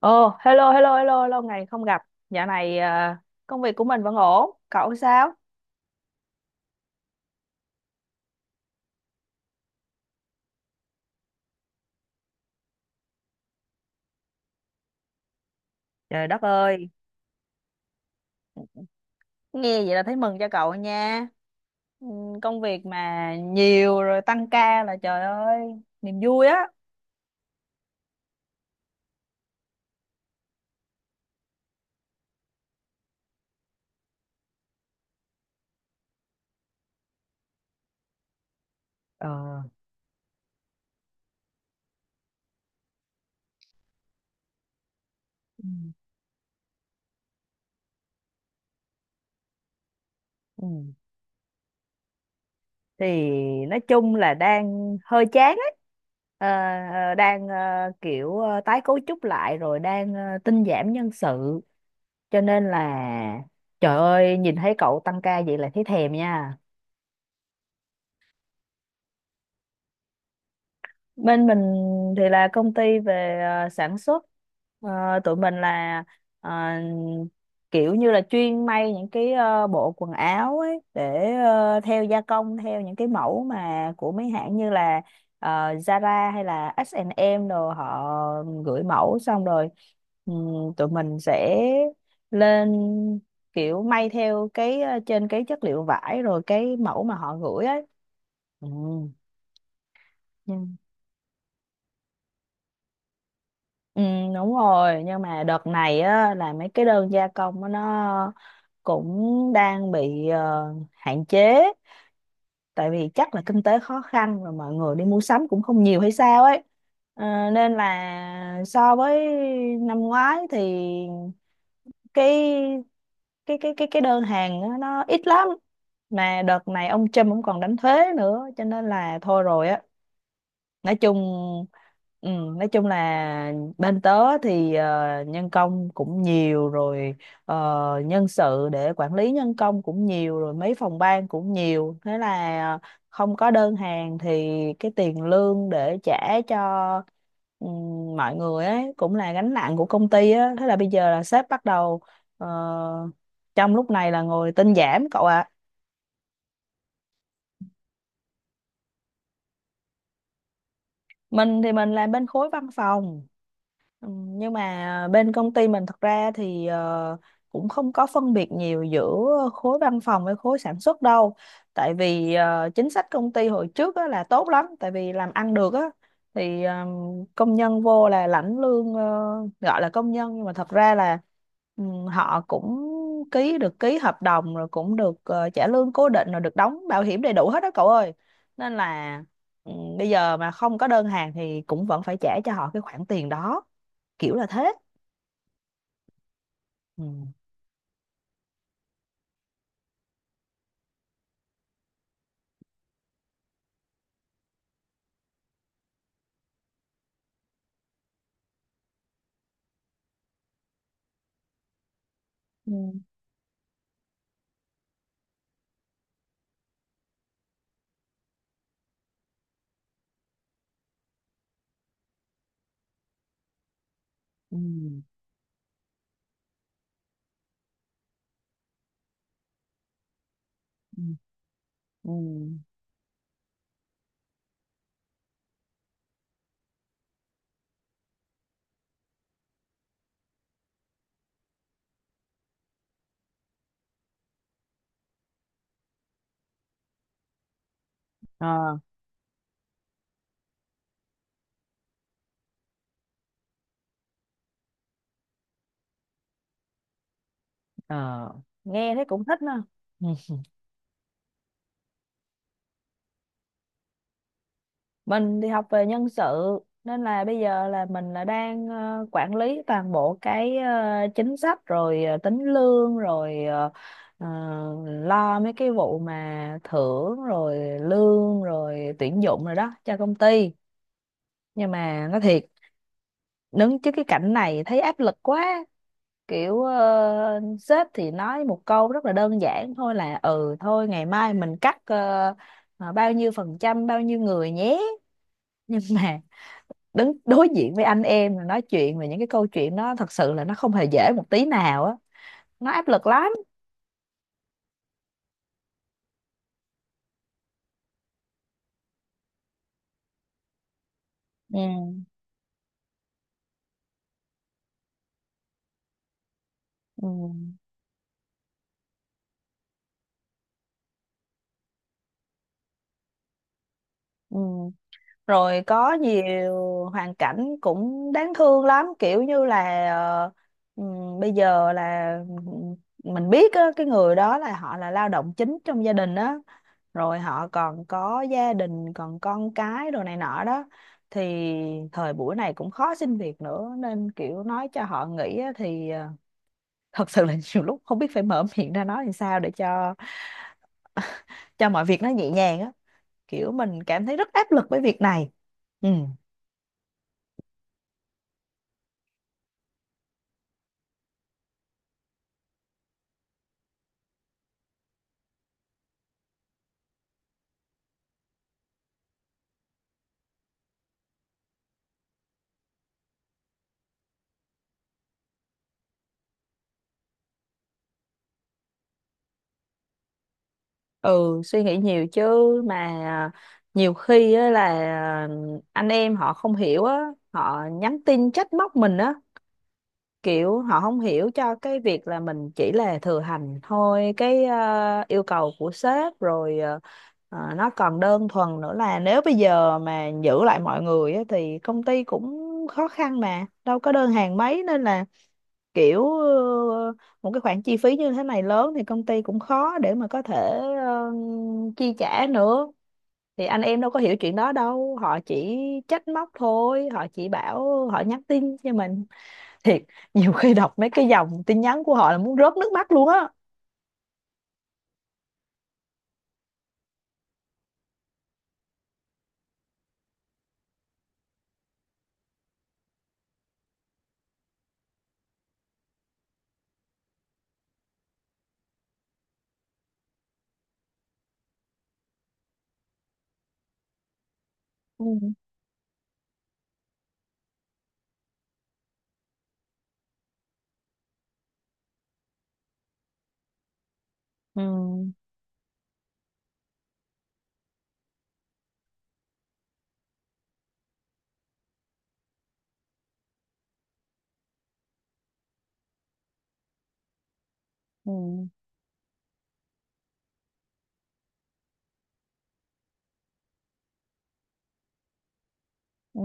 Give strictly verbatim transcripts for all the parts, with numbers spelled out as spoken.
Ồ, hello, hello, hello, lâu ngày không gặp. Dạo này à, công việc của mình vẫn ổn. Cậu sao? Trời đất ơi, nghe vậy là thấy mừng cho cậu nha. Ừ, công việc mà nhiều rồi tăng ca là trời ơi, niềm vui á. Ờ, ừ. Ừ. Thì nói chung là đang hơi chán ấy. Ờ, ờ, đang ờ, kiểu ờ, tái cấu trúc lại rồi đang ờ, tinh giảm nhân sự, cho nên là trời ơi nhìn thấy cậu tăng ca vậy là thấy thèm nha. Bên mình thì là công ty về ờ, sản xuất. Ờ, tụi mình là ờ, kiểu như là chuyên may những cái ờ, bộ quần áo ấy để ờ, theo gia công theo những cái mẫu mà của mấy hãng như là ờ, Zara hay là hát và em, rồi họ gửi mẫu xong rồi ừm, tụi mình sẽ lên kiểu may theo cái ờ, trên cái chất liệu vải rồi cái mẫu mà họ gửi ấy. Ừ. Ừ, đúng rồi, nhưng mà đợt này á, là mấy cái đơn gia công á, nó cũng đang bị ờ, hạn chế. Tại vì chắc là kinh tế khó khăn và mọi người đi mua sắm cũng không nhiều hay sao ấy. Ờ, nên là so với năm ngoái thì cái cái cái cái cái đơn hàng á, nó ít lắm. Mà đợt này ông Trump cũng còn đánh thuế nữa, cho nên là thôi rồi á, nói chung. ừ, nói chung là bên tớ thì ờ, nhân công cũng nhiều rồi, ờ, nhân sự để quản lý nhân công cũng nhiều rồi, mấy phòng ban cũng nhiều. Thế là không có đơn hàng thì cái tiền lương để trả cho ừ, mọi người ấy cũng là gánh nặng của công ty á. Thế là bây giờ là sếp bắt đầu, ờ, trong lúc này là ngồi tinh giảm, cậu ạ. Mình thì mình làm bên khối văn phòng. Ừ, nhưng mà bên công ty mình thật ra thì ờ, cũng không có phân biệt nhiều giữa khối văn phòng với khối sản xuất đâu. Tại vì ờ, chính sách công ty hồi trước á, là tốt lắm, tại vì làm ăn được á, thì ờ, công nhân vô là lãnh lương. ờ, Gọi là công nhân nhưng mà thật ra là ừ, họ cũng ký được ký hợp đồng rồi cũng được ờ, trả lương cố định rồi được đóng bảo hiểm đầy đủ hết đó, cậu ơi. Nên là ừ, bây giờ mà không có đơn hàng thì cũng vẫn phải trả cho họ cái khoản tiền đó, kiểu là thế. Ừ. Ừ. Ừ. Ừ. Ừ. Ờ, ờ. Nghe thấy cũng thích nè. Ừ. Mình thì học về nhân sự, nên là bây giờ là mình là đang ờ, quản lý toàn bộ cái ờ, chính sách rồi ờ, tính lương rồi ờ, ờ, lo mấy cái vụ mà thưởng rồi lương rồi tuyển dụng rồi đó cho công ty. Nhưng mà nói thiệt, đứng trước cái cảnh này thấy áp lực quá, kiểu ờ, sếp thì nói một câu rất là đơn giản thôi là ừ thôi ngày mai mình cắt ờ, ờ, bao nhiêu phần trăm, bao nhiêu người nhé nhưng mà đứng đối diện với anh em mà nói chuyện về những cái câu chuyện đó thật sự là nó không hề dễ một tí nào á, nó áp lực lắm. Ừ. Ừ. Ừ. Rồi có nhiều hoàn cảnh cũng đáng thương lắm, kiểu như là ờ, ừm, bây giờ là ừ, mình biết á, cái người đó là họ là lao động chính trong gia đình á, rồi họ còn có gia đình còn con cái đồ này nọ đó, thì thời buổi này cũng khó xin việc nữa, nên kiểu nói cho họ nghỉ á thì ờ, thật sự là nhiều lúc không biết phải mở miệng ra nói làm sao để cho cho mọi việc nó nhẹ nhàng á, kiểu mình cảm thấy rất áp lực với việc này. Ừ. Ừ, suy nghĩ nhiều chứ. Mà nhiều khi á là anh em họ không hiểu á, họ nhắn tin trách móc mình á, kiểu họ không hiểu cho cái việc là mình chỉ là thừa hành thôi cái ờ, yêu cầu của sếp, rồi ờ, ờ, nó còn đơn thuần nữa là nếu bây giờ mà giữ lại mọi người á, thì công ty cũng khó khăn mà đâu có đơn hàng mấy, nên là kiểu ờ, một cái khoản chi phí như thế này lớn thì công ty cũng khó để mà có thể ờ, chi trả nữa. Thì anh em đâu có hiểu chuyện đó đâu, họ chỉ trách móc thôi, họ chỉ bảo họ nhắn tin cho mình. Thiệt, nhiều khi đọc mấy cái dòng tin nhắn của họ là muốn rớt nước mắt luôn á. Ừ. Ừ. Ừ. Ừ.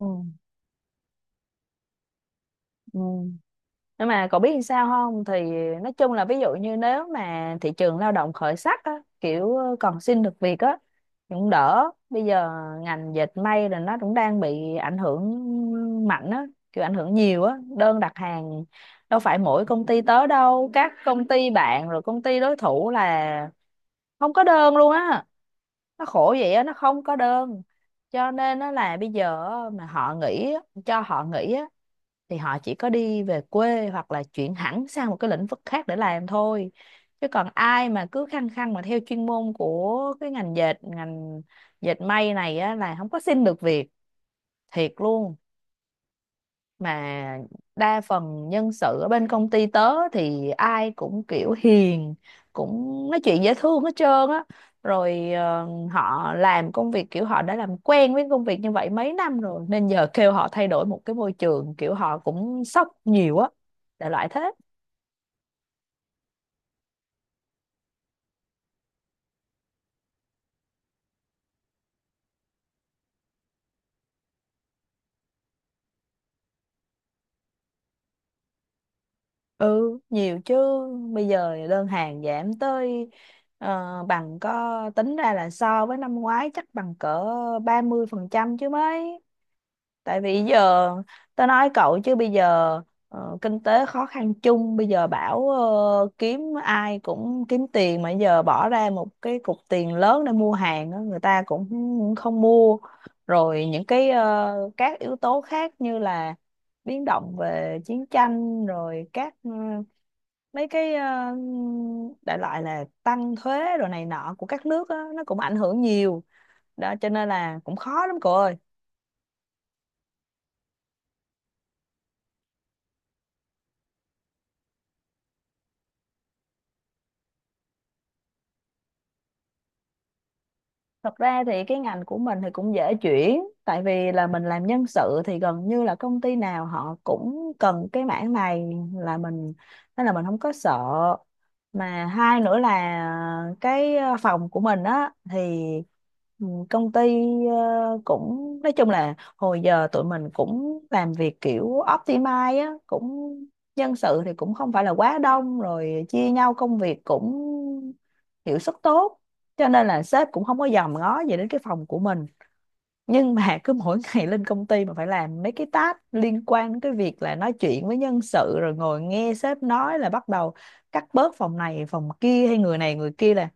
Ừ. Ừ. Nhưng mà cậu biết làm sao không, thì nói chung là ví dụ như nếu mà thị trường lao động khởi sắc á, kiểu ờ, còn xin được việc á, thì cũng đỡ. Bây giờ ngành dệt may là nó cũng đang bị ảnh hưởng mạnh á, kiểu ảnh hưởng nhiều á, đơn đặt hàng đâu phải mỗi công ty tới đâu, các công ty bạn rồi công ty đối thủ là không có đơn luôn á. Nó khổ vậy á, nó không có đơn, cho nên nó là bây giờ á, mà họ nghỉ á, cho họ nghỉ á, thì họ chỉ có đi về quê hoặc là chuyển hẳn sang một cái lĩnh vực khác để làm thôi. Chứ còn ai mà cứ khăng khăng mà theo chuyên môn của cái ngành dệt ngành dệt may này á, là không có xin được việc, thiệt luôn. Mà đa phần nhân sự ở bên công ty tớ thì ai cũng kiểu hiền, cũng nói chuyện dễ thương hết trơn á. Rồi ờ, họ làm công việc kiểu họ đã làm quen với công việc như vậy mấy năm rồi, nên giờ kêu họ thay đổi một cái môi trường kiểu họ cũng sốc nhiều á, đại loại thế. Ừ, nhiều chứ. Bây giờ đơn hàng giảm tới ờ, bằng, có tính ra là so với năm ngoái chắc bằng cỡ ba mươi phần trăm chứ mấy. Tại vì giờ tao nói cậu chứ bây giờ ờ, kinh tế khó khăn chung, bây giờ bảo ờ, kiếm ai cũng kiếm tiền, mà giờ bỏ ra một cái cục tiền lớn để mua hàng á, người ta cũng không mua. Rồi những cái ờ, các yếu tố khác như là biến động về chiến tranh rồi các ờ, mấy cái ờ, đại loại là tăng thuế rồi này nọ của các nước á, nó cũng ảnh hưởng nhiều đó, cho nên là cũng khó lắm, cậu ơi. Thật ra thì cái ngành của mình thì cũng dễ chuyển, tại vì là mình làm nhân sự thì gần như là công ty nào họ cũng cần cái mảng này là mình, nên là mình không có sợ. Mà hai nữa là cái ờ, phòng của mình á, thì ừ, công ty ờ, cũng nói chung là hồi giờ tụi mình cũng làm việc kiểu optimize á, cũng nhân sự thì cũng không phải là quá đông, rồi chia nhau công việc cũng hiệu suất tốt, cho nên là sếp cũng không có dòm ngó gì đến cái phòng của mình. Nhưng mà cứ mỗi ngày lên công ty mà phải làm mấy cái task liên quan đến cái việc là nói chuyện với nhân sự, rồi ngồi nghe sếp nói là bắt đầu cắt bớt phòng này phòng kia hay người này người kia, là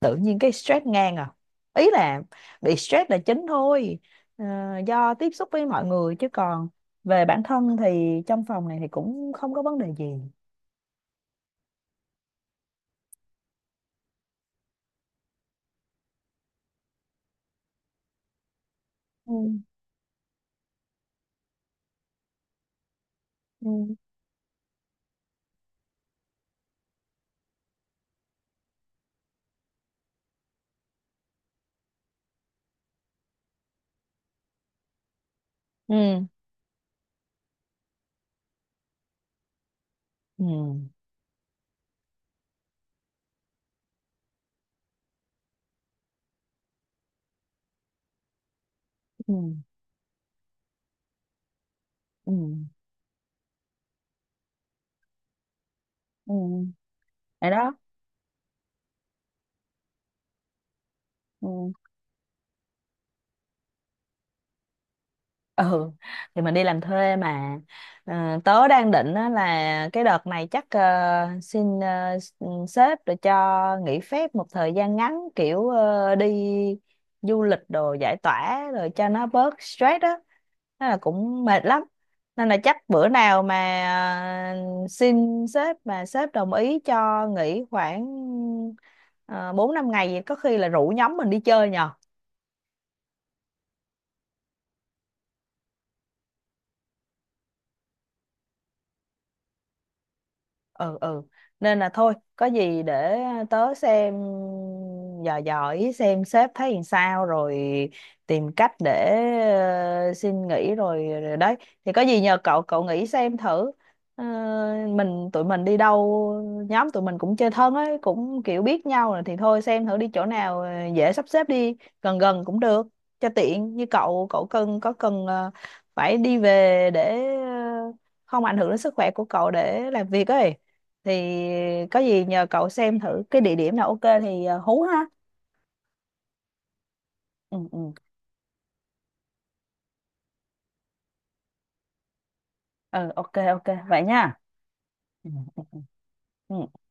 tự nhiên cái stress ngang à. Ý là bị stress là chính thôi, ờ, do tiếp xúc với mọi người, chứ còn về bản thân thì trong phòng này thì cũng không có vấn đề gì. Ừ. Ừ. Ừ. Ừ. Ừ. Ừ. Ừ. Vậy đó. Ừ. Ừ, thì mình đi làm thuê mà. Ờ, tớ đang định á là cái đợt này chắc ờ, xin ờ, s- ừ, sếp để cho nghỉ phép một thời gian ngắn, kiểu ờ, đi du lịch đồ giải tỏa rồi cho nó bớt stress á. Thế là cũng mệt lắm, nên là chắc bữa nào mà ờ, xin sếp mà sếp đồng ý cho nghỉ khoảng uh, bốn năm ngày vậy, có khi là rủ nhóm mình đi chơi nhờ. Ừ. Ừ, nên là thôi có gì để tớ xem, dò dò ý xem sếp thấy làm sao, rồi tìm cách để ờ, xin nghỉ rồi, rồi đấy, thì có gì nhờ cậu cậu nghĩ xem thử. Ờ, mình tụi mình đi đâu, nhóm tụi mình cũng chơi thân ấy, cũng kiểu biết nhau rồi, thì thôi xem thử đi chỗ nào ờ, dễ sắp xếp, đi gần gần cũng được cho tiện. Như cậu cậu cần, có cần ờ, phải đi về để ờ, không ảnh hưởng đến sức khỏe của cậu để làm việc ấy, thì có gì nhờ cậu xem thử cái địa điểm nào ok, thì ờ, hú ha. Ừ. Ừ. Ừ, ok, ok, vậy nha. Ừ. Ừ. Ừ. Ừ.